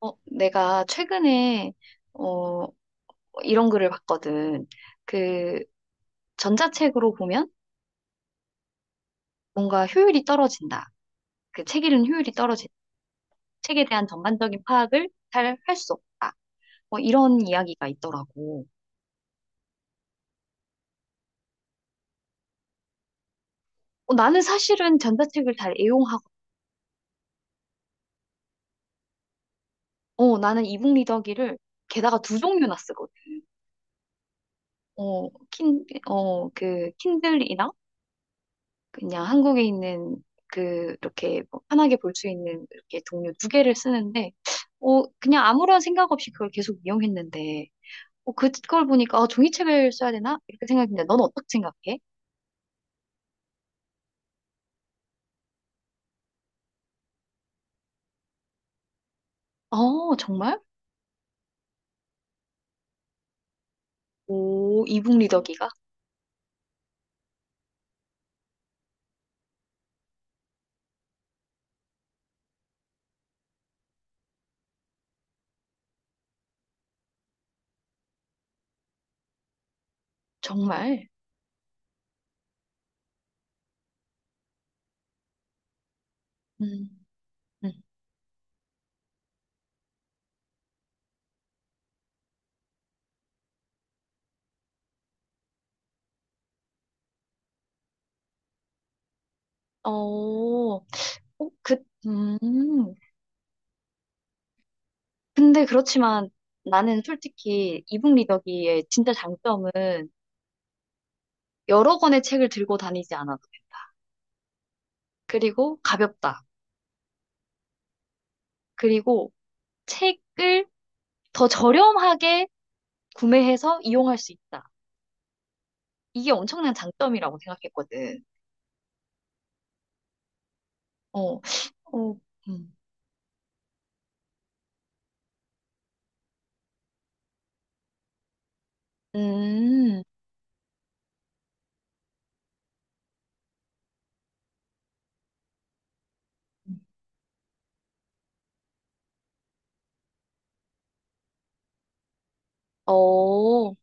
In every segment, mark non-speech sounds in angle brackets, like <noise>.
내가 최근에, 어, 이런 글을 봤거든. 그, 전자책으로 보면 뭔가 효율이 떨어진다. 그 책 읽는 효율이 떨어진다. 책에 대한 전반적인 파악을 잘 할 수 없다. 뭐 이런 이야기가 있더라고. 나는 사실은 전자책을 잘 애용하고, 나는 이북 리더기를 게다가 두 종류나 쓰거든. 킨들이나 그냥 한국에 있는 그 이렇게 뭐 편하게 볼 수 있는 이렇게 동료 2개를 쓰는데 그냥 아무런 생각 없이 그걸 계속 이용했는데 그걸 보니까 종이책을 써야 되나 이렇게 생각했는데 넌 어떻게 생각해? 어, 정말? 오, 이북 리더기가 정말? 음. 음. 어. 어. 그. 음. 근데 그렇지만 나는 솔직히 이북 리더기의 진짜 장점은 여러 권의 책을 들고 다니지 않아도 된다. 그리고 가볍다. 그리고 책을 더 저렴하게 구매해서 이용할 수 있다. 이게 엄청난 장점이라고 생각했거든. 어. 어. 음. 음. 어.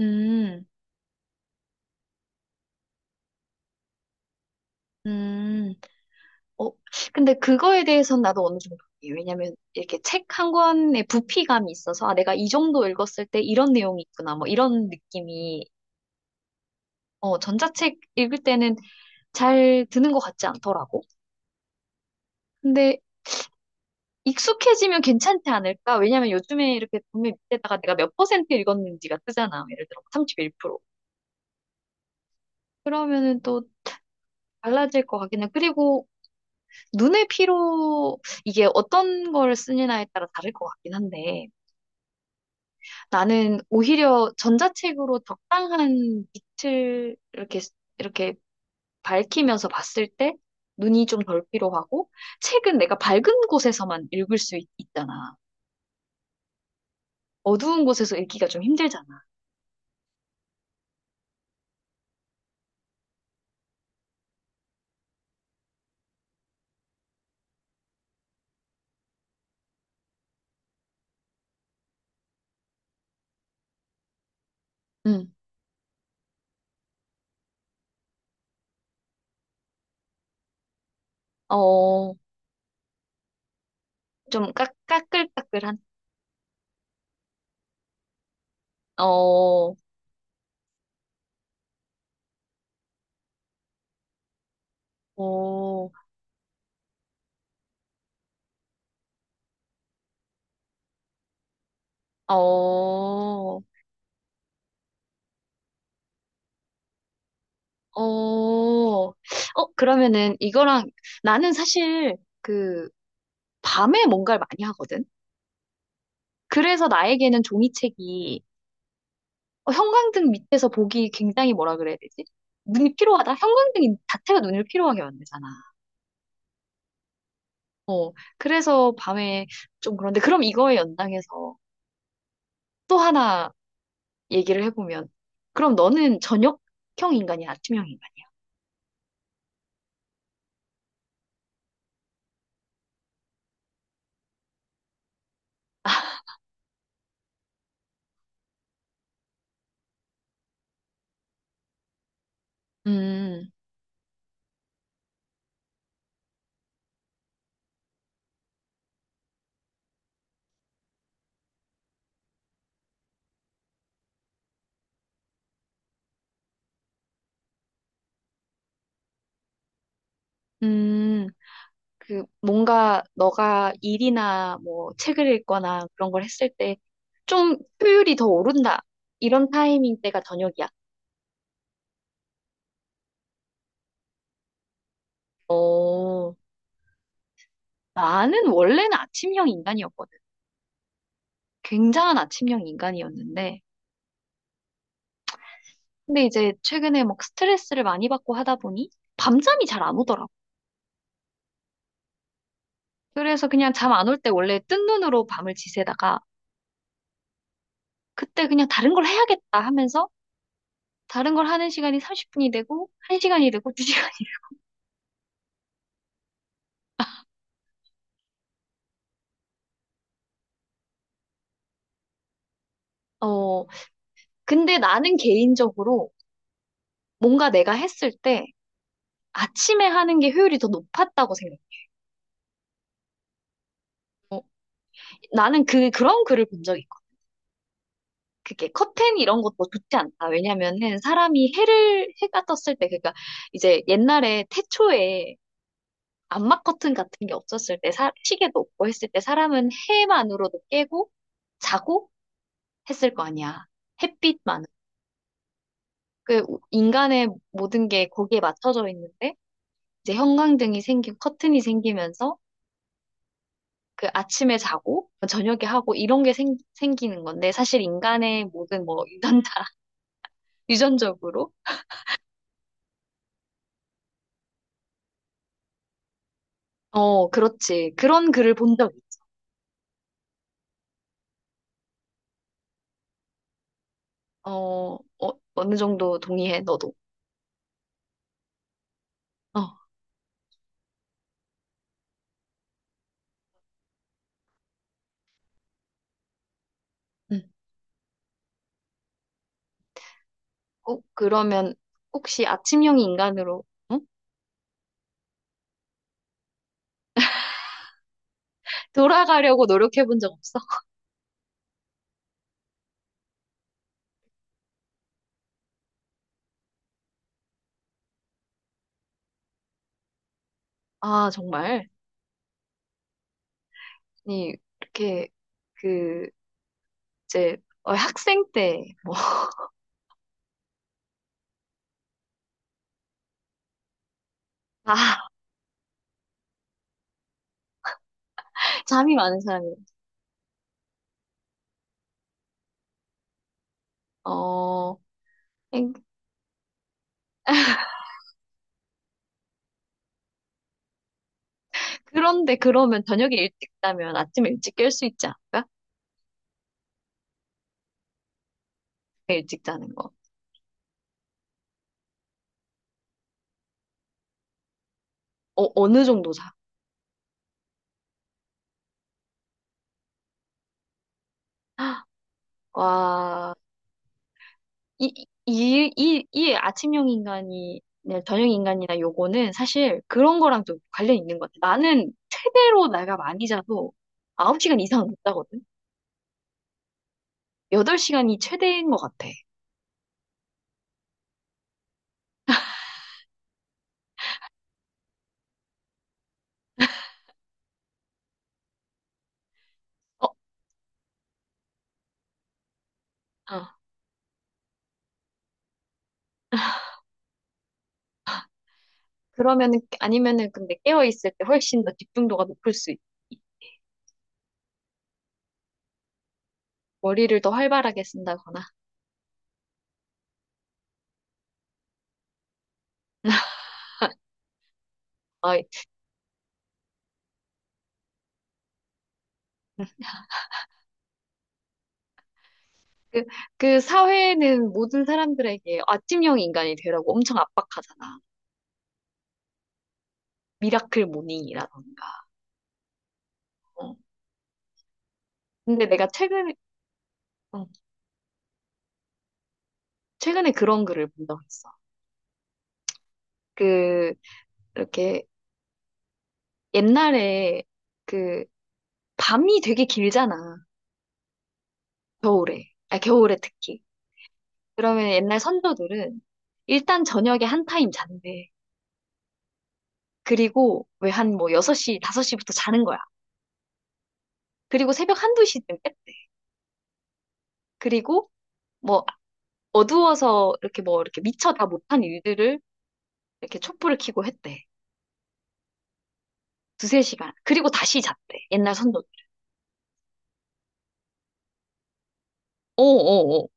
음. 음. 어. 근데 그거에 대해서는 나도 어느 정도 이해해요. 왜냐면 이렇게 책 1권의 부피감이 있어서 아, 내가 이 정도 읽었을 때 이런 내용이 있구나, 뭐 이런 느낌이 전자책 읽을 때는 잘 드는 것 같지 않더라고. 근데 익숙해지면 괜찮지 않을까? 왜냐면 요즘에 이렇게 보면 밑에다가 내가 몇 퍼센트 읽었는지가 뜨잖아. 예를 들어 31%. 그러면은 또 달라질 것 같긴 해. 그리고 눈의 피로 이게 어떤 걸 쓰느냐에 따라 다를 것 같긴 한데 나는 오히려 전자책으로 적당한 빛을 이렇게 밝히면서 봤을 때 눈이 좀 덜 피로하고 책은 내가 밝은 곳에서만 읽을 수 있, 잖아 어두운 곳에서 읽기가 좀 힘들잖아. 음. 어, 좀 까끌까끌한? 어. 어. 어. 어. 그러면은 이거랑 나는 사실 그 밤에 뭔가를 많이 하거든? 그래서 나에게는 종이책이 형광등 밑에서 보기 굉장히 뭐라 그래야 되지? 눈이 피로하다? 형광등 자체가 눈을 피로하게 만들잖아. 어. 그래서 밤에 좀 그런데 그럼 이거에 연장해서 또 하나 얘기를 해보면 그럼 너는 저녁형 인간이야, 아침형 인간이야? 음. 음, 그, 뭔가, 너가 일이나, 뭐, 책을 읽거나, 그런 걸 했을 때, 좀, 효율이 더 오른다. 이런 타이밍 때가 저녁이야. 어, 나는 원래는 아침형 인간이었거든. 굉장한 아침형 인간이었는데, 근데 이제, 최근에 막 스트레스를 많이 받고 하다 보니, 밤잠이 잘 안 오더라고. 그래서 그냥 잠 안 올 때 원래 뜬 눈으로 밤을 지새다가, 그때 그냥 다른 걸 해야겠다 하면서, 다른 걸 하는 시간이 30분이 되고, 1시간이 되고, 2시간이 어, 근데 나는 개인적으로 뭔가 내가 했을 때 아침에 하는 게 효율이 더 높았다고 생각해. 어, 나는 그런 글을 본 적이 있고. 그게 커튼 이런 것도 좋지 않다. 왜냐면은 사람이 해가 떴을 때, 그러니까 이제 옛날에 태초에 암막 커튼 같은 게 없었을 때, 시계도 없고 했을 때 사람은 해만으로도 깨고 자고 했을 거 아니야. 햇빛만. 그 인간의 모든 게 거기에 맞춰져 있는데, 이제 형광등이 생기고 커튼이 생기면서 그 아침에 자고 저녁에 하고 이런 게 생기는 건데 사실 인간의 모든 뭐 유전자 <laughs> 유전적으로 어, 그렇지. 그런 글을 본 적 있지. 어. 어느 정도 동의해 너도. 어. 응. 그러면 혹시 아침형 인간으로 응? 돌아가려고 노력해 본 적 없어? 아, 정말. 아니 이렇게 그 이제 학생 때뭐 아, <laughs> 잠이 많은 사람이 어. 그런데 그러면 저녁에 일찍 자면 아침에 일찍 깰 수 있지 않을까? 일찍 자는 거. 어, 어느 정도 자? <gasps> 와, 이 아침형 인간이, 네, 저녁 인간이나 요거는 사실 그런 거랑 좀 관련이 있는 것 같아. 나는 최대로 내가 많이 자도 9시간 이상은 못 자거든? 8시간이 최대인 것 같아. 어. 아... 그러면은, 아니면은 근데 깨어있을 때 훨씬 더 집중도가 높을 수 있, 머리를 더 활발하게 쓴다거나. 아, 그, 사회는 모든 사람들에게 아침형 인간이 되라고 엄청 압박하잖아. 미라클 모닝이라던가. 어. 근데 내가 최근에, 어, 최근에 그런 글을 본 적 있어. 그, 이렇게 옛날에 그 밤이 되게 길잖아. 겨울에. 아, 겨울에 특히. 그러면 옛날 선조들은 일단 저녁에 한 타임 잔대. 그리고 왜 한 뭐 6시, 5시부터 자는 거야. 그리고 새벽 1, 2시쯤 깼대. 그리고 뭐 어두워서 이렇게 뭐 이렇게 미처 다 못한 일들을 이렇게 촛불을 켜고 했대. 2, 3시간. 그리고 다시 잤대. 옛날 선조. 오오오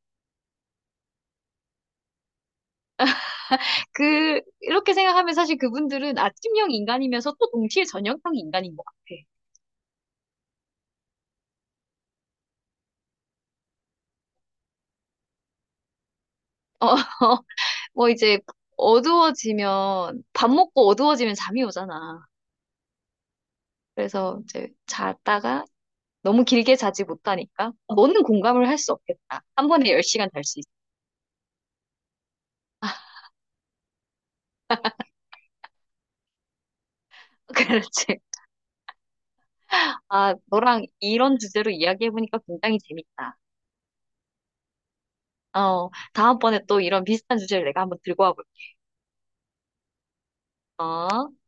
그, 이렇게 생각하면 사실 그분들은 아침형 인간이면서 또 동시에 저녁형 인간인 것 같아. 어, <laughs> 뭐 이제 어두워지면, 밥 먹고 어두워지면 잠이 오잖아. 그래서 이제 잤다가 너무 길게 자지 못하니까 너는 공감을 할 수 없겠다. 한 번에 10시간 잘 수 있어. <laughs> 그렇지. 아, 너랑 이런 주제로 이야기해보니까 굉장히 재밌다. 다음번에 또 이런 비슷한 주제를 내가 한번 들고 와볼게. 어?